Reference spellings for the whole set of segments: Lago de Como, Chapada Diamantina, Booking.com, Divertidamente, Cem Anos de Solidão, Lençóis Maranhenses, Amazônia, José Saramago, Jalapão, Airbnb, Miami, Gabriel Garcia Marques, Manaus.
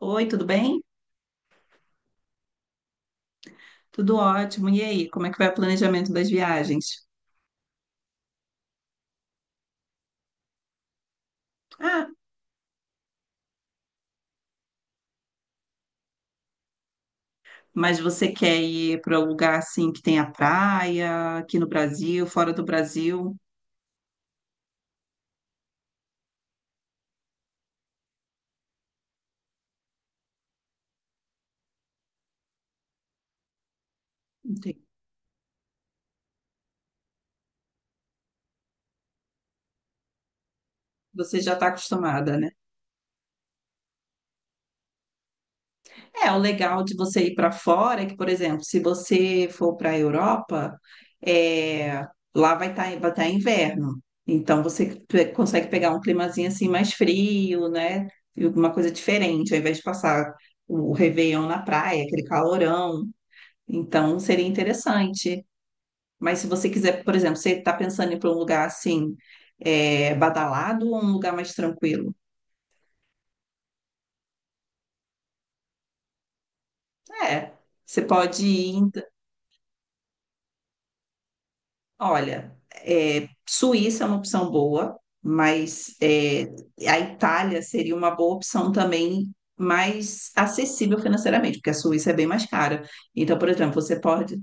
Oi, tudo bem? Tudo ótimo. E aí, como é que vai o planejamento das viagens? Ah, mas você quer ir para um lugar assim que tenha praia, aqui no Brasil, fora do Brasil? Entendi. Você já está acostumada, né? É, o legal de você ir para fora é que, por exemplo, se você for para a Europa, é, lá vai tá inverno. Então você consegue pegar um climazinho assim mais frio, né? E alguma coisa diferente, ao invés de passar o Réveillon na praia, aquele calorão. Então, seria interessante. Mas se você quiser, por exemplo, você está pensando em ir para um lugar assim, badalado ou um lugar mais tranquilo? É, você pode ir. Olha, Suíça é uma opção boa, mas a Itália seria uma boa opção também, mais acessível financeiramente, porque a Suíça é bem mais cara. Então, por exemplo, você pode.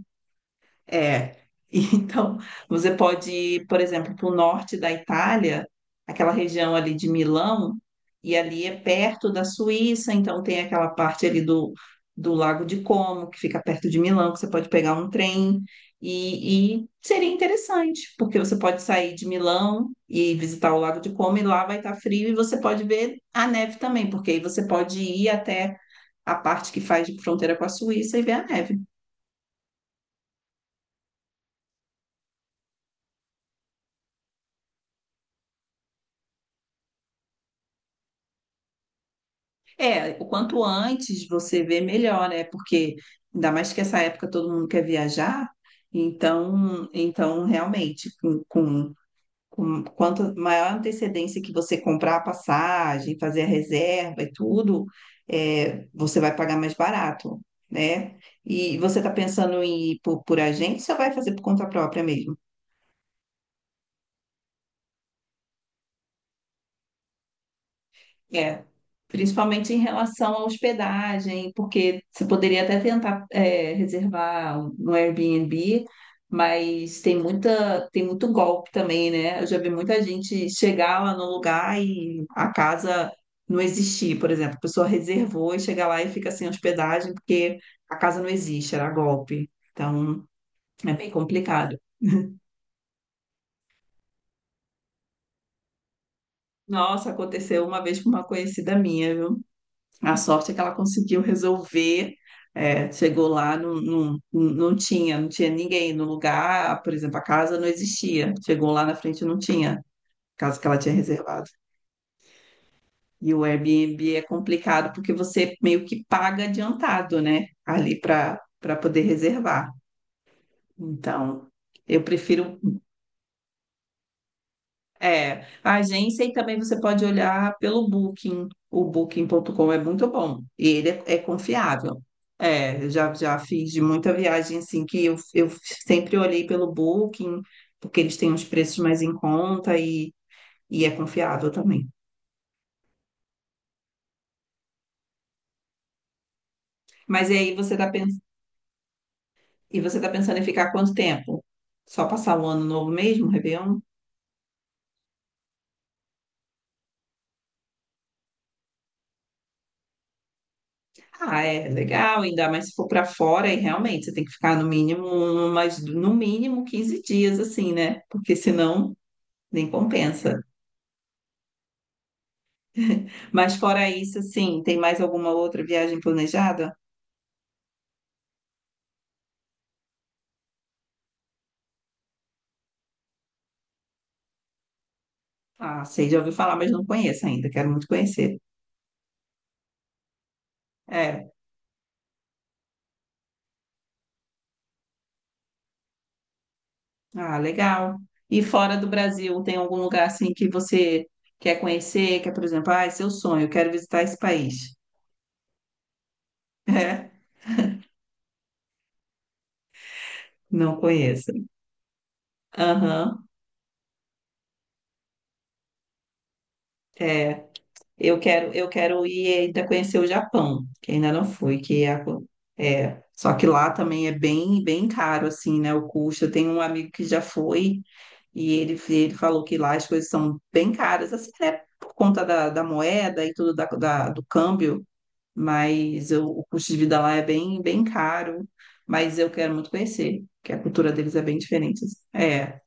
É. Então, você pode ir, por exemplo, para o norte da Itália, aquela região ali de Milão, e ali é perto da Suíça, então tem aquela parte ali do Lago de Como, que fica perto de Milão, que você pode pegar um trem, e seria interessante, porque você pode sair de Milão e visitar o Lago de Como, e lá vai estar frio, e você pode ver a neve também, porque aí você pode ir até a parte que faz de fronteira com a Suíça e ver a neve. É, o quanto antes você vê, melhor, né? Porque ainda mais que essa época todo mundo quer viajar, então realmente, com quanto maior antecedência que você comprar a passagem, fazer a reserva e tudo, você vai pagar mais barato, né? E você está pensando em ir por agência ou vai fazer por conta própria mesmo? É, principalmente em relação à hospedagem, porque você poderia até tentar reservar no Airbnb, mas tem muito golpe também, né? Eu já vi muita gente chegar lá no lugar e a casa não existir, por exemplo, a pessoa reservou e chega lá e fica sem hospedagem porque a casa não existe, era golpe. Então, é bem complicado. Nossa, aconteceu uma vez com uma conhecida minha, viu? A sorte é que ela conseguiu resolver. É, chegou lá, não, não, não tinha ninguém no lugar, por exemplo, a casa não existia. Chegou lá na frente, não tinha a casa que ela tinha reservado. E o Airbnb é complicado porque você meio que paga adiantado, né? Ali para poder reservar. Então, eu prefiro. É, a agência e também você pode olhar pelo Booking. O Booking.com é muito bom e ele é confiável. É, eu já fiz de muita viagem assim que eu sempre olhei pelo Booking, porque eles têm uns preços mais em conta e é confiável também. Mas e aí e você tá pensando em ficar quanto tempo? Só passar o ano novo mesmo, Réveillon? Ah, é legal, ainda mais se for para fora, e realmente você tem que ficar no mínimo, mas no mínimo 15 dias, assim, né? Porque senão nem compensa. Mas fora isso, assim, tem mais alguma outra viagem planejada? Ah, sei, já ouvi falar, mas não conheço ainda, quero muito conhecer. É, ah, legal. E fora do Brasil, tem algum lugar assim que você quer conhecer, que é, por exemplo, ah, é seu sonho, eu quero visitar esse país. É, não conheço. Aham, é. Eu quero ir ainda conhecer o Japão, que ainda não fui, só que lá também é bem, bem caro assim, né, o custo. Eu tenho um amigo que já foi e ele falou que lá as coisas são bem caras, assim, né, por conta da moeda e tudo do câmbio, mas o custo de vida lá é bem, bem caro, mas eu quero muito conhecer, que a cultura deles é bem diferente assim. É,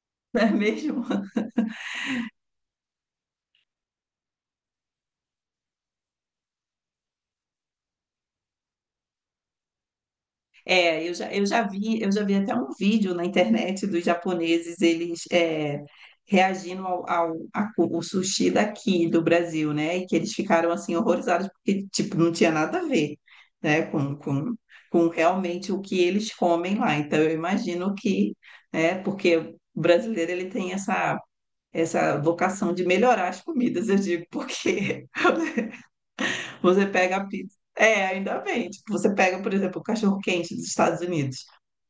não é mesmo? É, eu já vi até um vídeo na internet dos japoneses, eles reagindo o sushi daqui do Brasil, né? E que eles ficaram assim horrorizados porque tipo não tinha nada a ver, né? Com realmente o que eles comem lá. Então eu imagino que, né? Porque o brasileiro ele tem essa vocação de melhorar as comidas, eu digo, porque você pega a pizza. É, ainda bem. Tipo, você pega, por exemplo, o cachorro-quente dos Estados Unidos.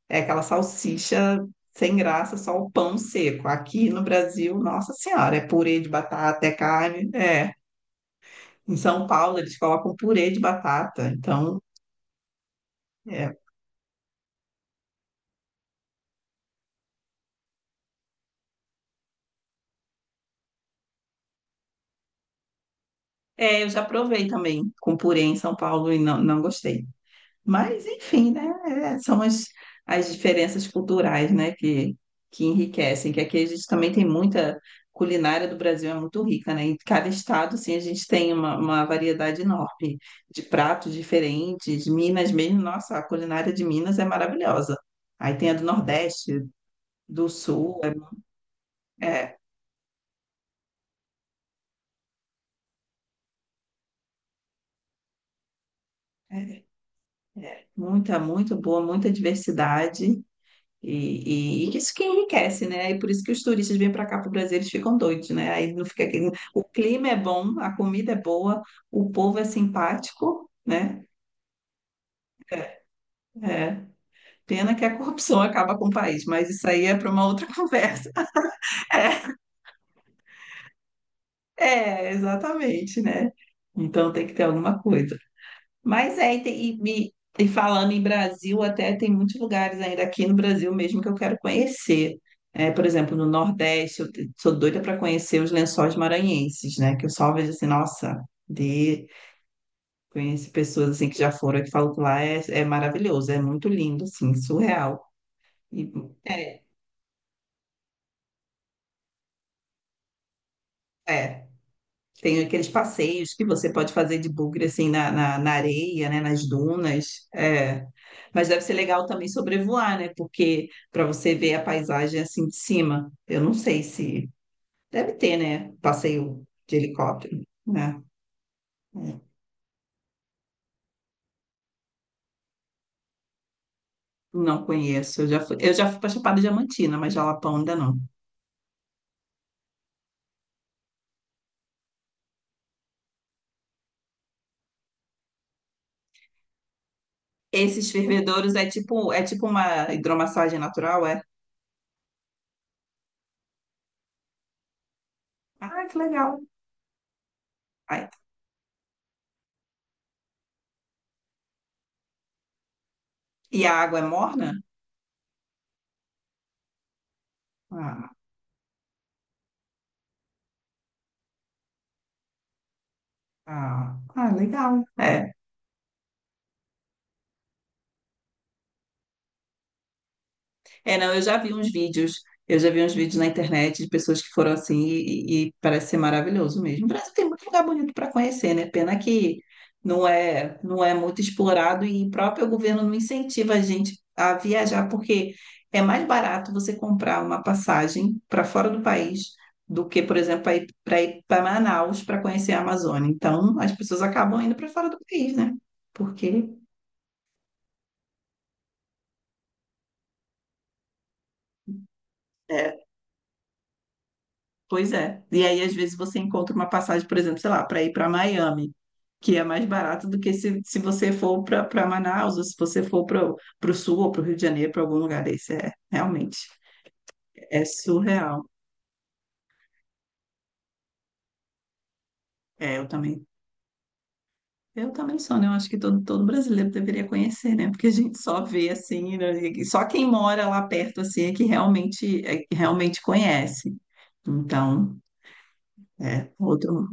É aquela salsicha sem graça, só o pão seco. Aqui no Brasil, nossa senhora, é purê de batata, é carne. É. Em São Paulo, eles colocam purê de batata. Então, é. É, eu já provei também com purê em São Paulo e não, não gostei. Mas, enfim, né? São as diferenças culturais, né? Que enriquecem, que aqui a gente também tem muita culinária do Brasil, é muito rica, né? Em cada estado, sim a gente tem uma variedade enorme de pratos diferentes. Minas mesmo, nossa, a culinária de Minas é maravilhosa. Aí tem a do Nordeste, do Sul, é, é, é, é muito boa, muita diversidade. E isso que enriquece, né? E por isso que os turistas vêm para cá para o Brasil, eles ficam doidos, né? Aí não fica aquele... O clima é bom, a comida é boa, o povo é simpático, né? É. É. Pena que a corrupção acaba com o país, mas isso aí é para uma outra conversa. É, exatamente, né? Então tem que ter alguma coisa. Mas e falando em Brasil, até tem muitos lugares ainda aqui no Brasil mesmo que eu quero conhecer. É, por exemplo, no Nordeste, eu sou doida para conhecer os Lençóis Maranhenses, né? Que eu só vejo assim, nossa, de conheço pessoas assim que já foram e que falam que lá é maravilhoso, é muito lindo, assim, surreal. E, é, é, Tem aqueles passeios que você pode fazer de bugre, assim, na areia, né? Nas dunas. É. Mas deve ser legal também sobrevoar, né? Porque para você ver a paisagem assim de cima. Eu não sei se... Deve ter, né? Passeio de helicóptero, né? É. Não conheço. Eu já fui para Chapada Diamantina, mas Jalapão ainda não. Esses fervedouros é tipo uma hidromassagem natural, é? Ah, que legal. Ai, e a água é morna? Ah, ah, ah, legal. É. É, não, eu já vi uns vídeos na internet de pessoas que foram assim e parece ser maravilhoso mesmo. O Brasil tem muito lugar bonito para conhecer, né? Pena que não é muito explorado e o próprio governo não incentiva a gente a viajar, porque é mais barato você comprar uma passagem para fora do país do que, por exemplo, para ir para Manaus para conhecer a Amazônia. Então, as pessoas acabam indo para fora do país, né? Porque Pois é. E aí, às vezes, você encontra uma passagem, por exemplo, sei lá, para ir para Miami, que é mais barato do que se você for para Manaus, ou se você for para o sul ou para o Rio de Janeiro, para algum lugar desse. É, realmente, é surreal. É, eu também. Eu também sou, né? Eu acho que todo brasileiro deveria conhecer, né? Porque a gente só vê assim, né? E só quem mora lá perto assim é que realmente conhece. Então, é outro.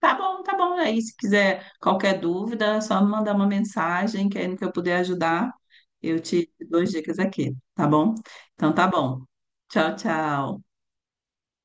Tá bom, tá bom. Aí, se quiser qualquer dúvida, é só me mandar uma mensagem, que aí no que eu puder ajudar, eu te dou as dicas aqui, tá bom? Então tá bom. Tchau, tchau.